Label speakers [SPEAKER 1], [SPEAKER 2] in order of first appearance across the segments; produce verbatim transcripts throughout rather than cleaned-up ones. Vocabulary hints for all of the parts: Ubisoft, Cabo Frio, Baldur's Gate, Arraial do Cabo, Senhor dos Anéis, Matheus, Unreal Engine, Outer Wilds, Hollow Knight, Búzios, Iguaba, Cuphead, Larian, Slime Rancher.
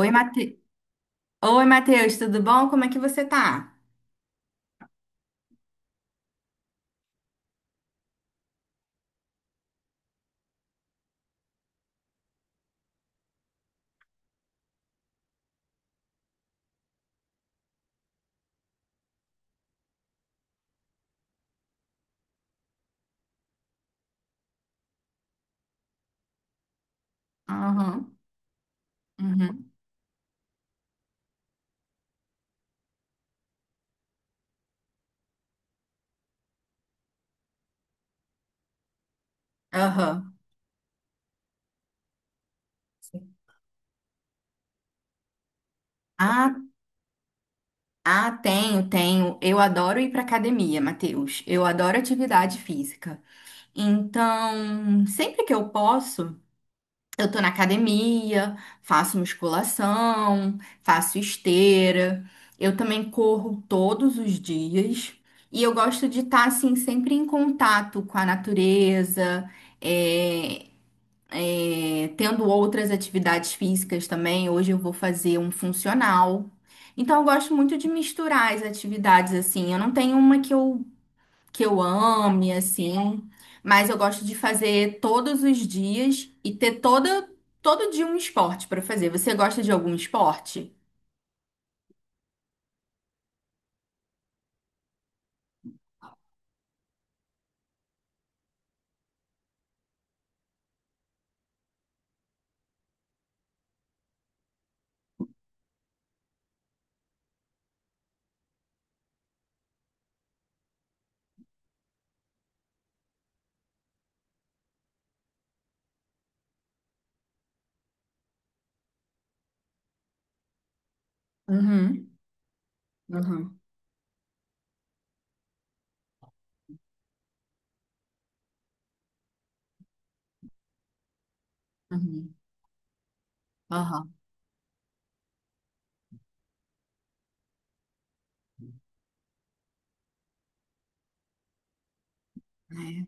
[SPEAKER 1] Oi, Mate... Oi, Matheus, tudo bom? Como é que você tá? Aham, uhum, aham. Ah, ah, tenho, tenho. Eu adoro ir pra academia, Matheus. Eu adoro atividade física. Então, sempre que eu posso, eu tô na academia, faço musculação, faço esteira. Eu também corro todos os dias. E eu gosto de estar, assim, sempre em contato com a natureza. eh, É, tendo outras atividades físicas também. Hoje eu vou fazer um funcional. Então eu gosto muito de misturar as atividades assim. Eu não tenho uma que eu que eu ame assim, mas eu gosto de fazer todos os dias e ter toda todo dia um esporte para fazer. Você gosta de algum esporte? Uhum, uhum, uhum, aham, é,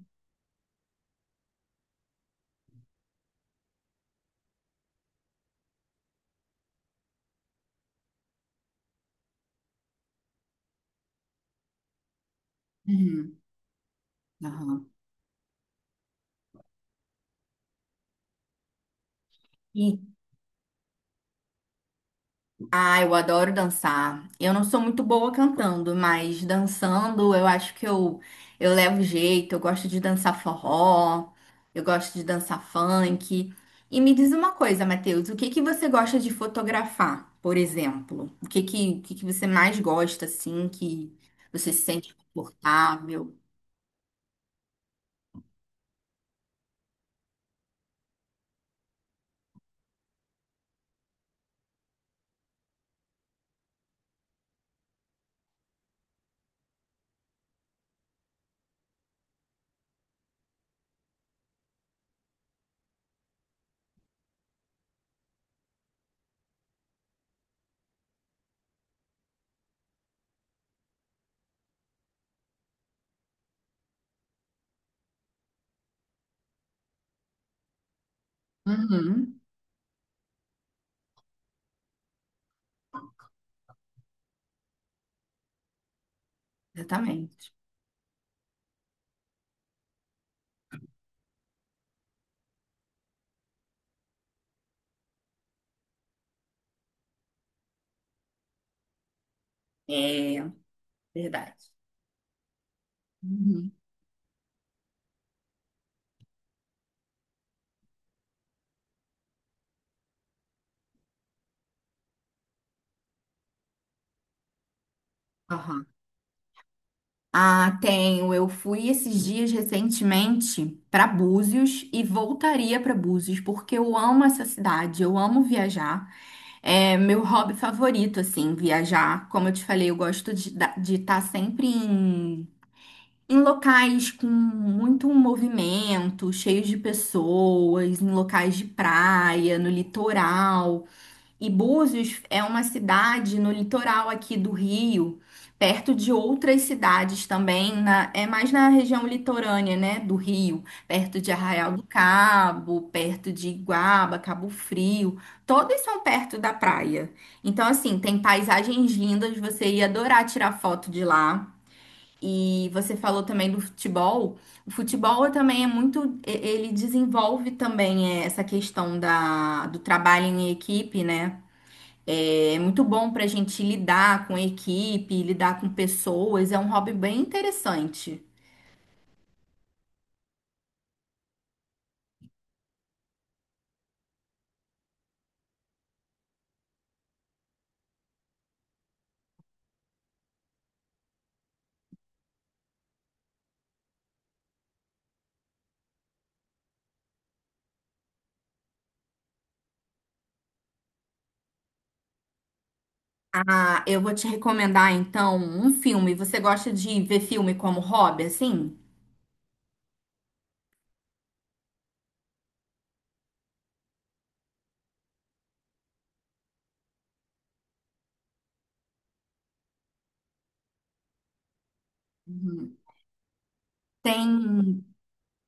[SPEAKER 1] uhum, aham. E Ah, eu adoro dançar. Eu não sou muito boa cantando, mas dançando eu acho que eu, eu levo jeito. Eu gosto de dançar forró, eu gosto de dançar funk. E me diz uma coisa, Matheus, o que que você gosta de fotografar, por exemplo? O que que, o que que você mais gosta, assim, que você se sente confortável? Uhum, exatamente. É, verdade. Uhum. Ah, tenho. Eu fui esses dias recentemente para Búzios e voltaria para Búzios porque eu amo essa cidade, eu amo viajar. É meu hobby favorito, assim, viajar. Como eu te falei, eu gosto de estar sempre em, em locais com muito movimento, cheios de pessoas, em locais de praia, no litoral. E Búzios é uma cidade no litoral aqui do Rio, perto de outras cidades também, na- é mais na região litorânea, né, do Rio, perto de Arraial do Cabo, perto de Iguaba, Cabo Frio, todas são perto da praia. Então, assim, tem paisagens lindas, você ia adorar tirar foto de lá. E você falou também do futebol. O futebol também é muito, e- ele desenvolve também eh, essa questão da, do trabalho em equipe, né? É muito bom para a gente lidar com a equipe, lidar com pessoas. É um hobby bem interessante. Ah, eu vou te recomendar então um filme. Você gosta de ver filme como hobby, assim? Uhum. Tem.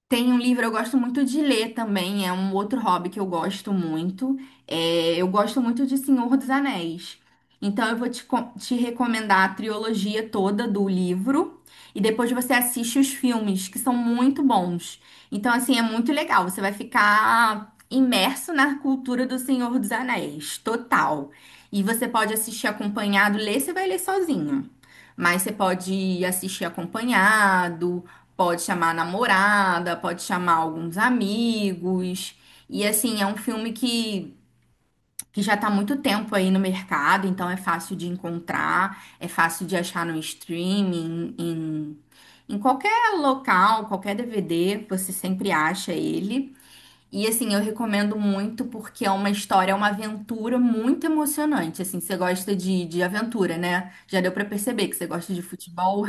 [SPEAKER 1] Tem um livro, eu gosto muito de ler também, é um outro hobby que eu gosto muito. É, eu gosto muito de Senhor dos Anéis. Então eu vou te, co- te recomendar a trilogia toda do livro e depois você assiste os filmes, que são muito bons. Então, assim, é muito legal, você vai ficar imerso na cultura do Senhor dos Anéis, total. E você pode assistir acompanhado, ler, você vai ler sozinho. Mas você pode assistir acompanhado. Pode chamar a namorada, pode chamar alguns amigos. E assim, é um filme que, que já tá há muito tempo aí no mercado, então é fácil de encontrar, é fácil de achar no streaming, em, em qualquer local, qualquer D V D, você sempre acha ele. E assim, eu recomendo muito porque é uma história, é uma aventura muito emocionante. Assim, você gosta de, de aventura, né? Já deu pra perceber que você gosta de futebol.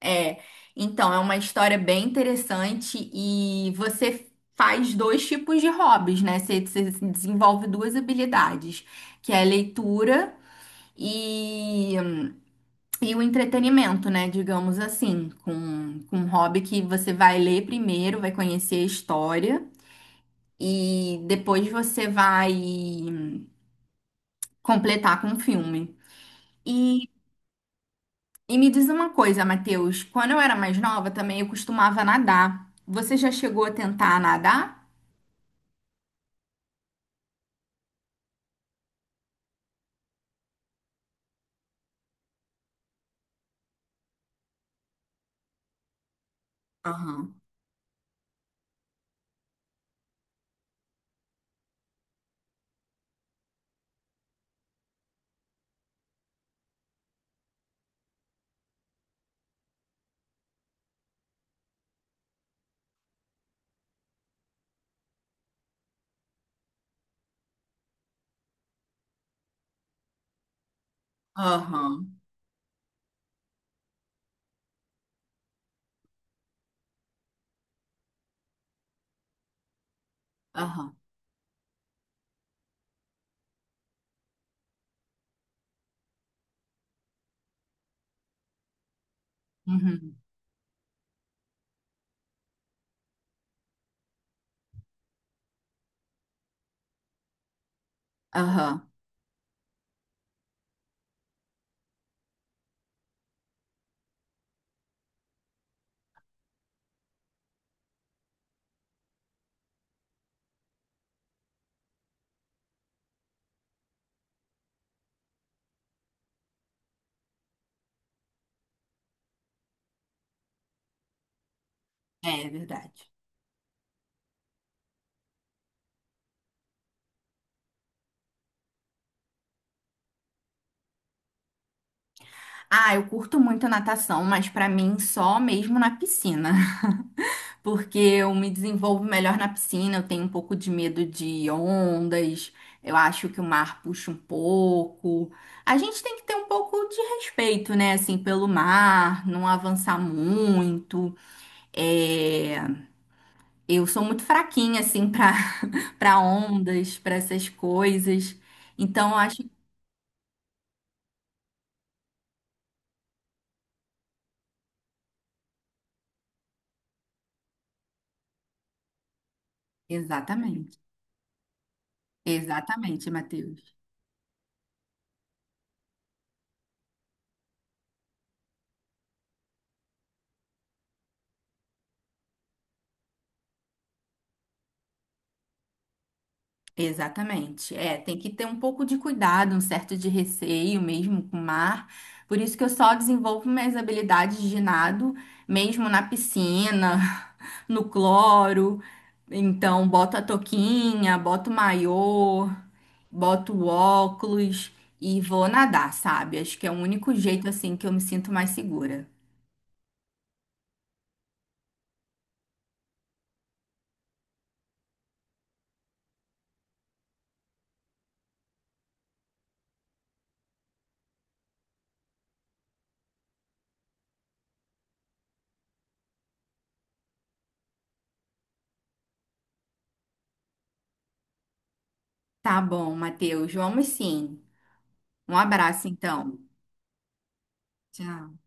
[SPEAKER 1] É, então, é uma história bem interessante e você faz dois tipos de hobbies, né? Você, você desenvolve duas habilidades, que é a leitura e, e o entretenimento, né? Digamos assim, com, com um hobby que você vai ler primeiro, vai conhecer a história e depois você vai completar com o filme. E me diz uma coisa, Matheus, quando eu era mais nova também eu costumava nadar. Você já chegou a tentar nadar? Aham, aham, aham, uhum, aham. É, é verdade. Ah, eu curto muito natação, mas pra mim só mesmo na piscina. Porque eu me desenvolvo melhor na piscina, eu tenho um pouco de medo de ondas, eu acho que o mar puxa um pouco. A gente tem que ter um pouco de respeito, né, assim, pelo mar, não avançar muito. É, eu sou muito fraquinha, assim, para para ondas, para essas coisas. Então, eu acho. Exatamente. Exatamente, Matheus. Exatamente. É, tem que ter um pouco de cuidado, um certo de receio mesmo com o mar. Por isso que eu só desenvolvo minhas habilidades de nado mesmo na piscina, no cloro. Então, boto a touquinha, boto o maiô, boto o óculos e vou nadar, sabe? Acho que é o único jeito assim que eu me sinto mais segura. Tá bom, Matheus. Vamos sim. Um abraço então. Tchau.